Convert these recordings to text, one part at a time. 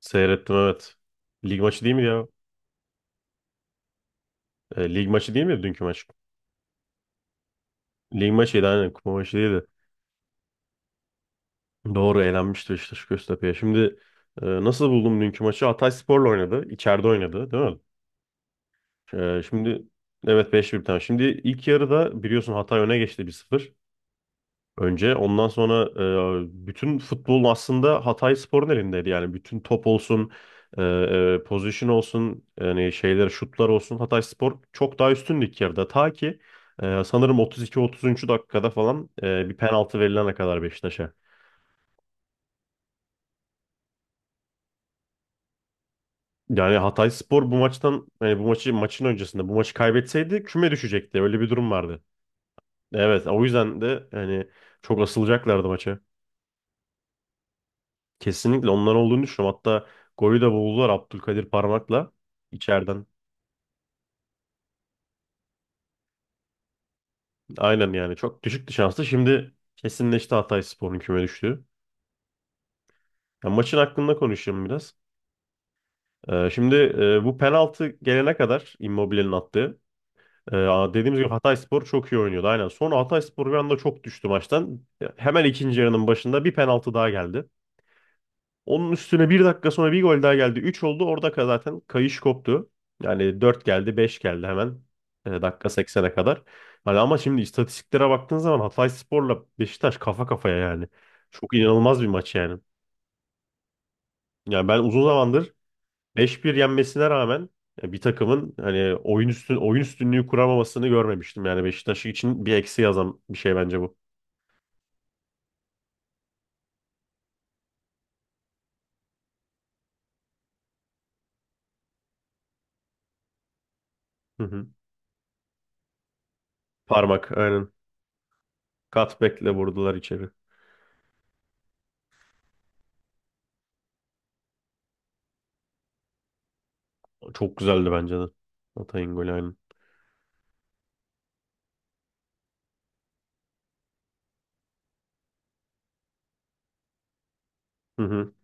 Seyrettim evet. Lig maçı değil mi ya? Lig maçı değil mi dünkü maç? Lig maçıydı aynen kupa maçı değildi. Doğru elenmişti Beşiktaş Göztepe'ye. Şimdi nasıl buldum dünkü maçı? Hatayspor'la oynadı. İçeride oynadı değil mi? Şimdi evet 5-1 tane. Şimdi ilk yarıda biliyorsun Hatay öne geçti 1-0. Önce ondan sonra bütün futbolun aslında Hatayspor'un elindeydi. Yani bütün top olsun, pozisyon olsun, yani şeyler şutlar olsun Hatayspor çok daha üstündü ilk yarıda. Ta ki sanırım 32-33. Dakikada falan bir penaltı verilene kadar Beşiktaş'a. Yani Hatayspor bu maçtan yani bu maçı maçın öncesinde bu maçı kaybetseydi küme düşecekti. Öyle bir durum vardı. Evet, o yüzden de yani çok asılacaklardı maça. Kesinlikle onlar olduğunu düşünüyorum. Hatta golü de buldular Abdülkadir parmakla içeriden. Aynen yani çok düşüktü şansı. Şimdi kesinleşti Hatayspor'un küme düştüğü. Ya maçın hakkında konuşayım biraz. Şimdi bu penaltı gelene kadar Immobile'nin attığı. e, dediğimiz gibi Hatayspor çok iyi oynuyordu. Aynen. Sonra Hatayspor bir anda çok düştü maçtan. Hemen ikinci yarının başında bir penaltı daha geldi. Onun üstüne bir dakika sonra bir gol daha geldi. Üç oldu. Orada zaten kayış koptu. Yani 4 geldi, 5 geldi hemen. Dakika seksene kadar. Hani ama şimdi istatistiklere baktığın zaman Hatayspor'la Beşiktaş kafa kafaya yani. Çok inanılmaz bir maç yani. Yani ben uzun zamandır 5-1 yenmesine rağmen bir takımın hani oyun üstünlüğü kuramamasını görmemiştim. Yani Beşiktaş için bir eksi yazan bir şey bence bu. Hı hı. Parmak aynen. Cutback'le vurdular içeri. Çok güzeldi bence de. Hatay'ın golü aynen. Hı hı.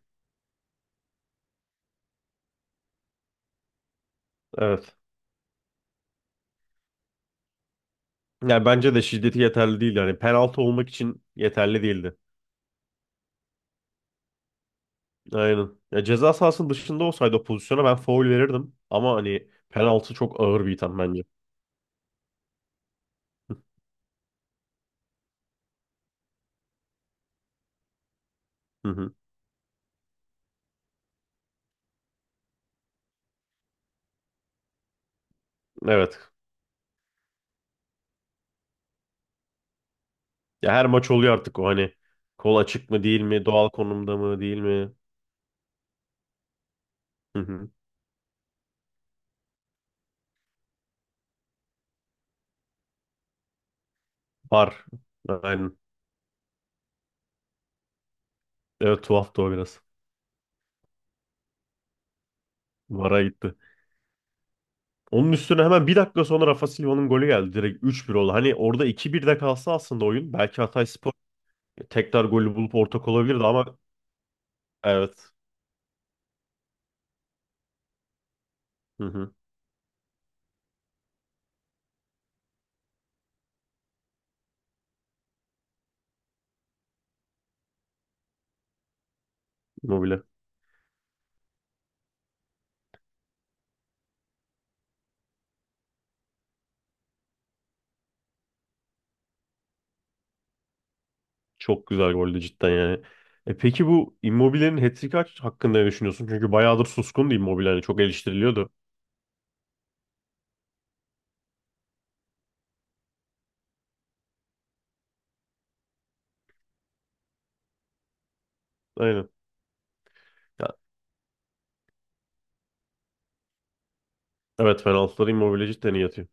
Evet. Yani bence de şiddeti yeterli değil. Yani penaltı olmak için yeterli değildi. Aynen. Ya ceza sahasının dışında olsaydı o pozisyona ben faul verirdim. Ama hani penaltı çok ağır bir itham bence. Hı hı. Evet. Ya her maç oluyor artık o hani kol açık mı değil mi, doğal konumda mı değil mi? Hı hı. Var. Aynen. Evet tuhaftı o biraz. Vara gitti. Onun üstüne hemen bir dakika sonra Rafa Silva'nın golü geldi. Direkt 3-1 oldu. Hani orada iki 1 de kalsa aslında oyun belki Hatayspor tekrar golü bulup ortak olabilirdi ama. Evet. Hı hı. Immobile. Çok güzel goldü cidden yani. Peki bu Immobile'nin hat-trick'i hakkında ne düşünüyorsun? Çünkü bayağıdır suskundu Immobile. Hani çok eleştiriliyordu. Aynen. Ya, evet penaltıları Immobile cidden iyi atıyor.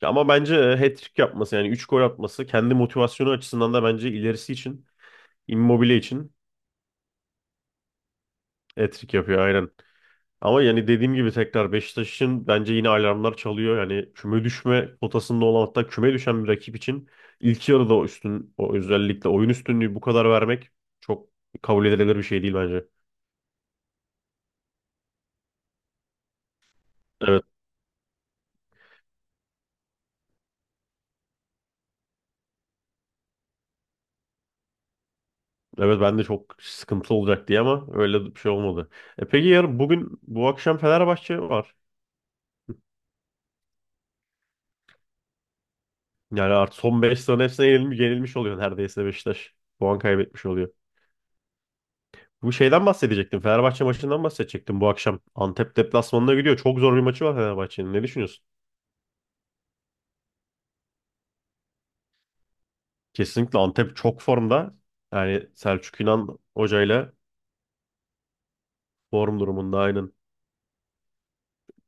Ya ama bence hat-trick yapması yani 3 gol atması kendi motivasyonu açısından da bence ilerisi için Immobile için hat-trick yapıyor aynen. Ama yani dediğim gibi tekrar Beşiktaş'ın bence yine alarmlar çalıyor. Yani küme düşme potasında olan hatta küme düşen bir rakip için ilk yarıda o özellikle oyun üstünlüğü bu kadar vermek çok kabul edilebilir bir şey değil bence. Evet, evet ben de çok sıkıntılı olacak diye ama öyle bir şey olmadı. Peki yarın bugün bu akşam Fenerbahçe var. Yani artık son 5 sıranın hepsine yenilmiş oluyor neredeyse Beşiktaş. Puan kaybetmiş oluyor. Bu şeyden bahsedecektim. Fenerbahçe maçından bahsedecektim bu akşam. Antep deplasmanına gidiyor. Çok zor bir maçı var Fenerbahçe'nin. Ne düşünüyorsun? Kesinlikle Antep çok formda. Yani Selçuk İnan hocayla form durumunda aynen.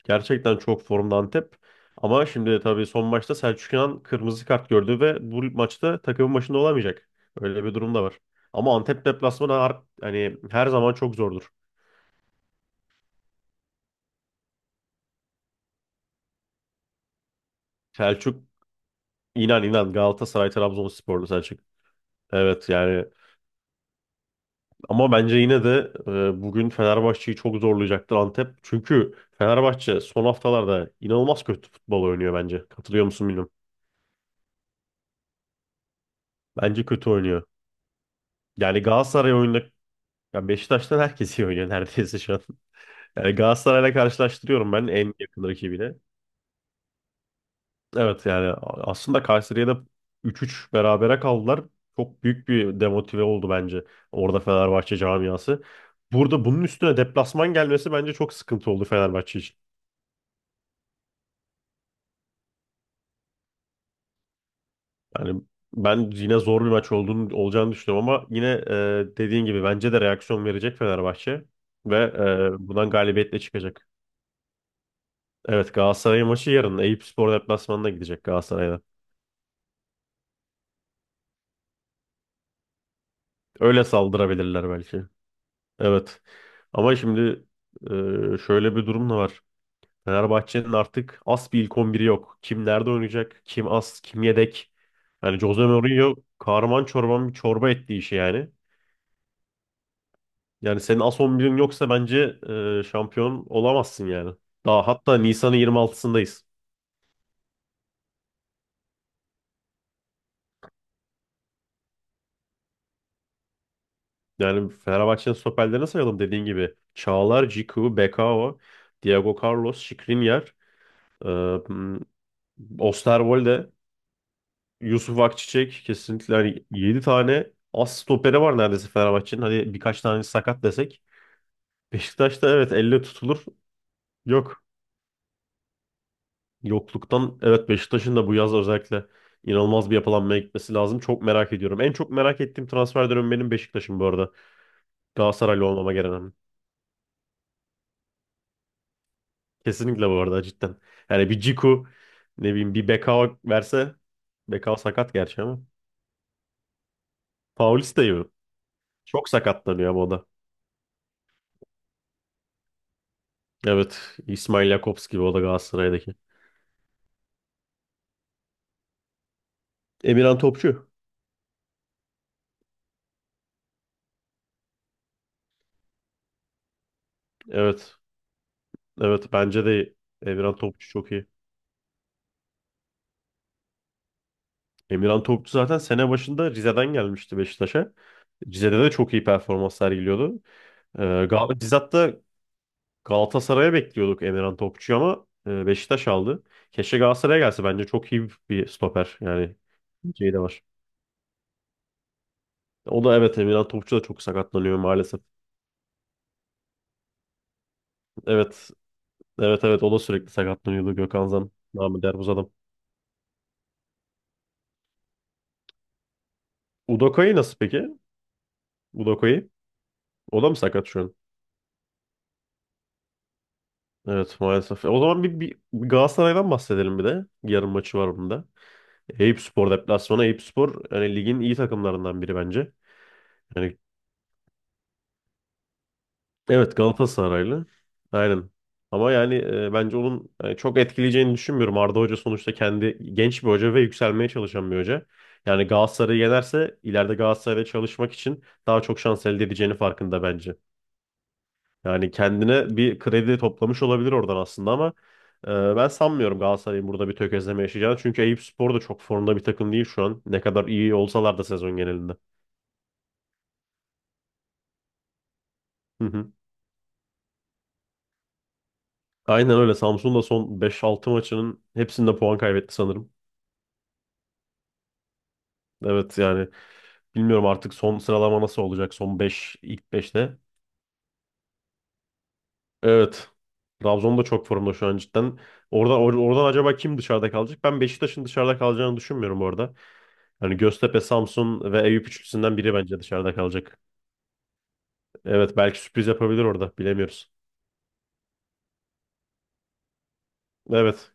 Gerçekten çok formda Antep. Ama şimdi de tabii son maçta Selçuk İnan kırmızı kart gördü ve bu maçta takımın başında olamayacak. Öyle bir durum da var. Ama Antep deplasmanı hani her zaman çok zordur. Selçuk İnan Galatasaray Trabzonsporlu Selçuk. Evet yani. Ama bence yine de bugün Fenerbahçe'yi çok zorlayacaktır Antep. Çünkü Fenerbahçe son haftalarda inanılmaz kötü futbol oynuyor bence. Katılıyor musun bilmiyorum. Bence kötü oynuyor. Yani Galatasaray oyunda ya Beşiktaş'tan herkes iyi oynuyor neredeyse şu an. Yani Galatasaray'la karşılaştırıyorum ben en yakın rakibiyle. Evet yani aslında Kayseri'ye 3-3 berabere kaldılar. Çok büyük bir demotive oldu bence orada Fenerbahçe camiası. Burada bunun üstüne deplasman gelmesi bence çok sıkıntı oldu Fenerbahçe için. Yani ben yine zor bir maç olacağını düşünüyorum ama yine dediğin gibi bence de reaksiyon verecek Fenerbahçe ve bundan galibiyetle çıkacak. Evet Galatasaray maçı yarın Eyüpspor deplasmanına gidecek Galatasaray'da. Öyle saldırabilirler belki. Evet. Ama şimdi şöyle bir durum da var. Fenerbahçe'nin artık as bir ilk 11'i yok. Kim nerede oynayacak? Kim as? Kim yedek? Yani Jose Mourinho kahraman çorban bir çorba etti işi yani. Yani senin as 11'in yoksa bence şampiyon olamazsın yani. Daha hatta Nisan'ın 26'sındayız. Yani Fenerbahçe'nin stoperlerini sayalım dediğin gibi. Çağlar, Ciku, Bekao, Diego Carlos, Skriniar, e, m, Osterwolde, Yusuf Akçiçek kesinlikle hani 7 tane as stoperi var neredeyse Fenerbahçe'nin. Hadi birkaç tane sakat desek. Beşiktaş'ta evet elle tutulur. Yok. Yokluktan evet Beşiktaş'ın da bu yaz özellikle inanılmaz bir yapılanmaya gitmesi lazım. Çok merak ediyorum. En çok merak ettiğim transfer dönemi benim Beşiktaş'ım bu arada. Galatasaraylı olmama gerek yok. Kesinlikle bu arada cidden. Yani bir Ciku ne bileyim bir Bekao verse. Bekao sakat gerçi ama. Paulista gibi. Çok sakatlanıyor ama o da. Evet İsmail Jakobs gibi o da Galatasaray'daki. Emirhan Topçu. Evet. Evet bence de Emirhan Topçu çok iyi. Emirhan Topçu zaten sene başında Rize'den gelmişti Beşiktaş'a. Rize'de de çok iyi performans sergiliyordu. Gal biz hatta Galatasaray'a bekliyorduk Emirhan Topçu'yu ama Beşiktaş aldı. Keşke Galatasaray'a gelse. Bence çok iyi bir stoper. Yani şey de var. O da evet Emirhan Topçu da çok sakatlanıyor maalesef. Evet. Evet evet o da sürekli sakatlanıyordu Gökhan Zan. Namı der bu adam. Udoka'yı nasıl peki? Udoka'yı. O da mı sakat şu an? Evet maalesef. O zaman bir Galatasaray'dan bahsedelim bir de. Yarın maçı var bunda. Eyüp Spor deplasmanı. Eyüp Spor yani ligin iyi takımlarından biri bence. Yani evet Galatasaraylı. Aynen. Ama yani bence onun çok etkileyeceğini düşünmüyorum. Arda Hoca sonuçta kendi genç bir hoca ve yükselmeye çalışan bir hoca. Yani Galatasaray'ı yenerse ileride Galatasaray'da çalışmak için daha çok şans elde edeceğini farkında bence. Yani kendine bir kredi toplamış olabilir oradan aslında ama e, ben sanmıyorum Galatasaray'ın burada bir tökezleme yaşayacağını. Çünkü Eyüp Spor da çok formda bir takım değil şu an. Ne kadar iyi olsalar da sezon genelinde. Hı hı. Aynen öyle. Samsun da son beş altı maçının hepsinde puan kaybetti sanırım. Evet yani bilmiyorum artık son sıralama nasıl olacak son 5 ilk beşte. Evet. Trabzon da çok formda şu an cidden. Orada oradan acaba kim dışarıda kalacak? Ben Beşiktaş'ın dışarıda kalacağını düşünmüyorum orada. Hani Göztepe, Samsun ve Eyüp üçlüsünden biri bence dışarıda kalacak. Evet belki sürpriz yapabilir orada bilemiyoruz. Evet.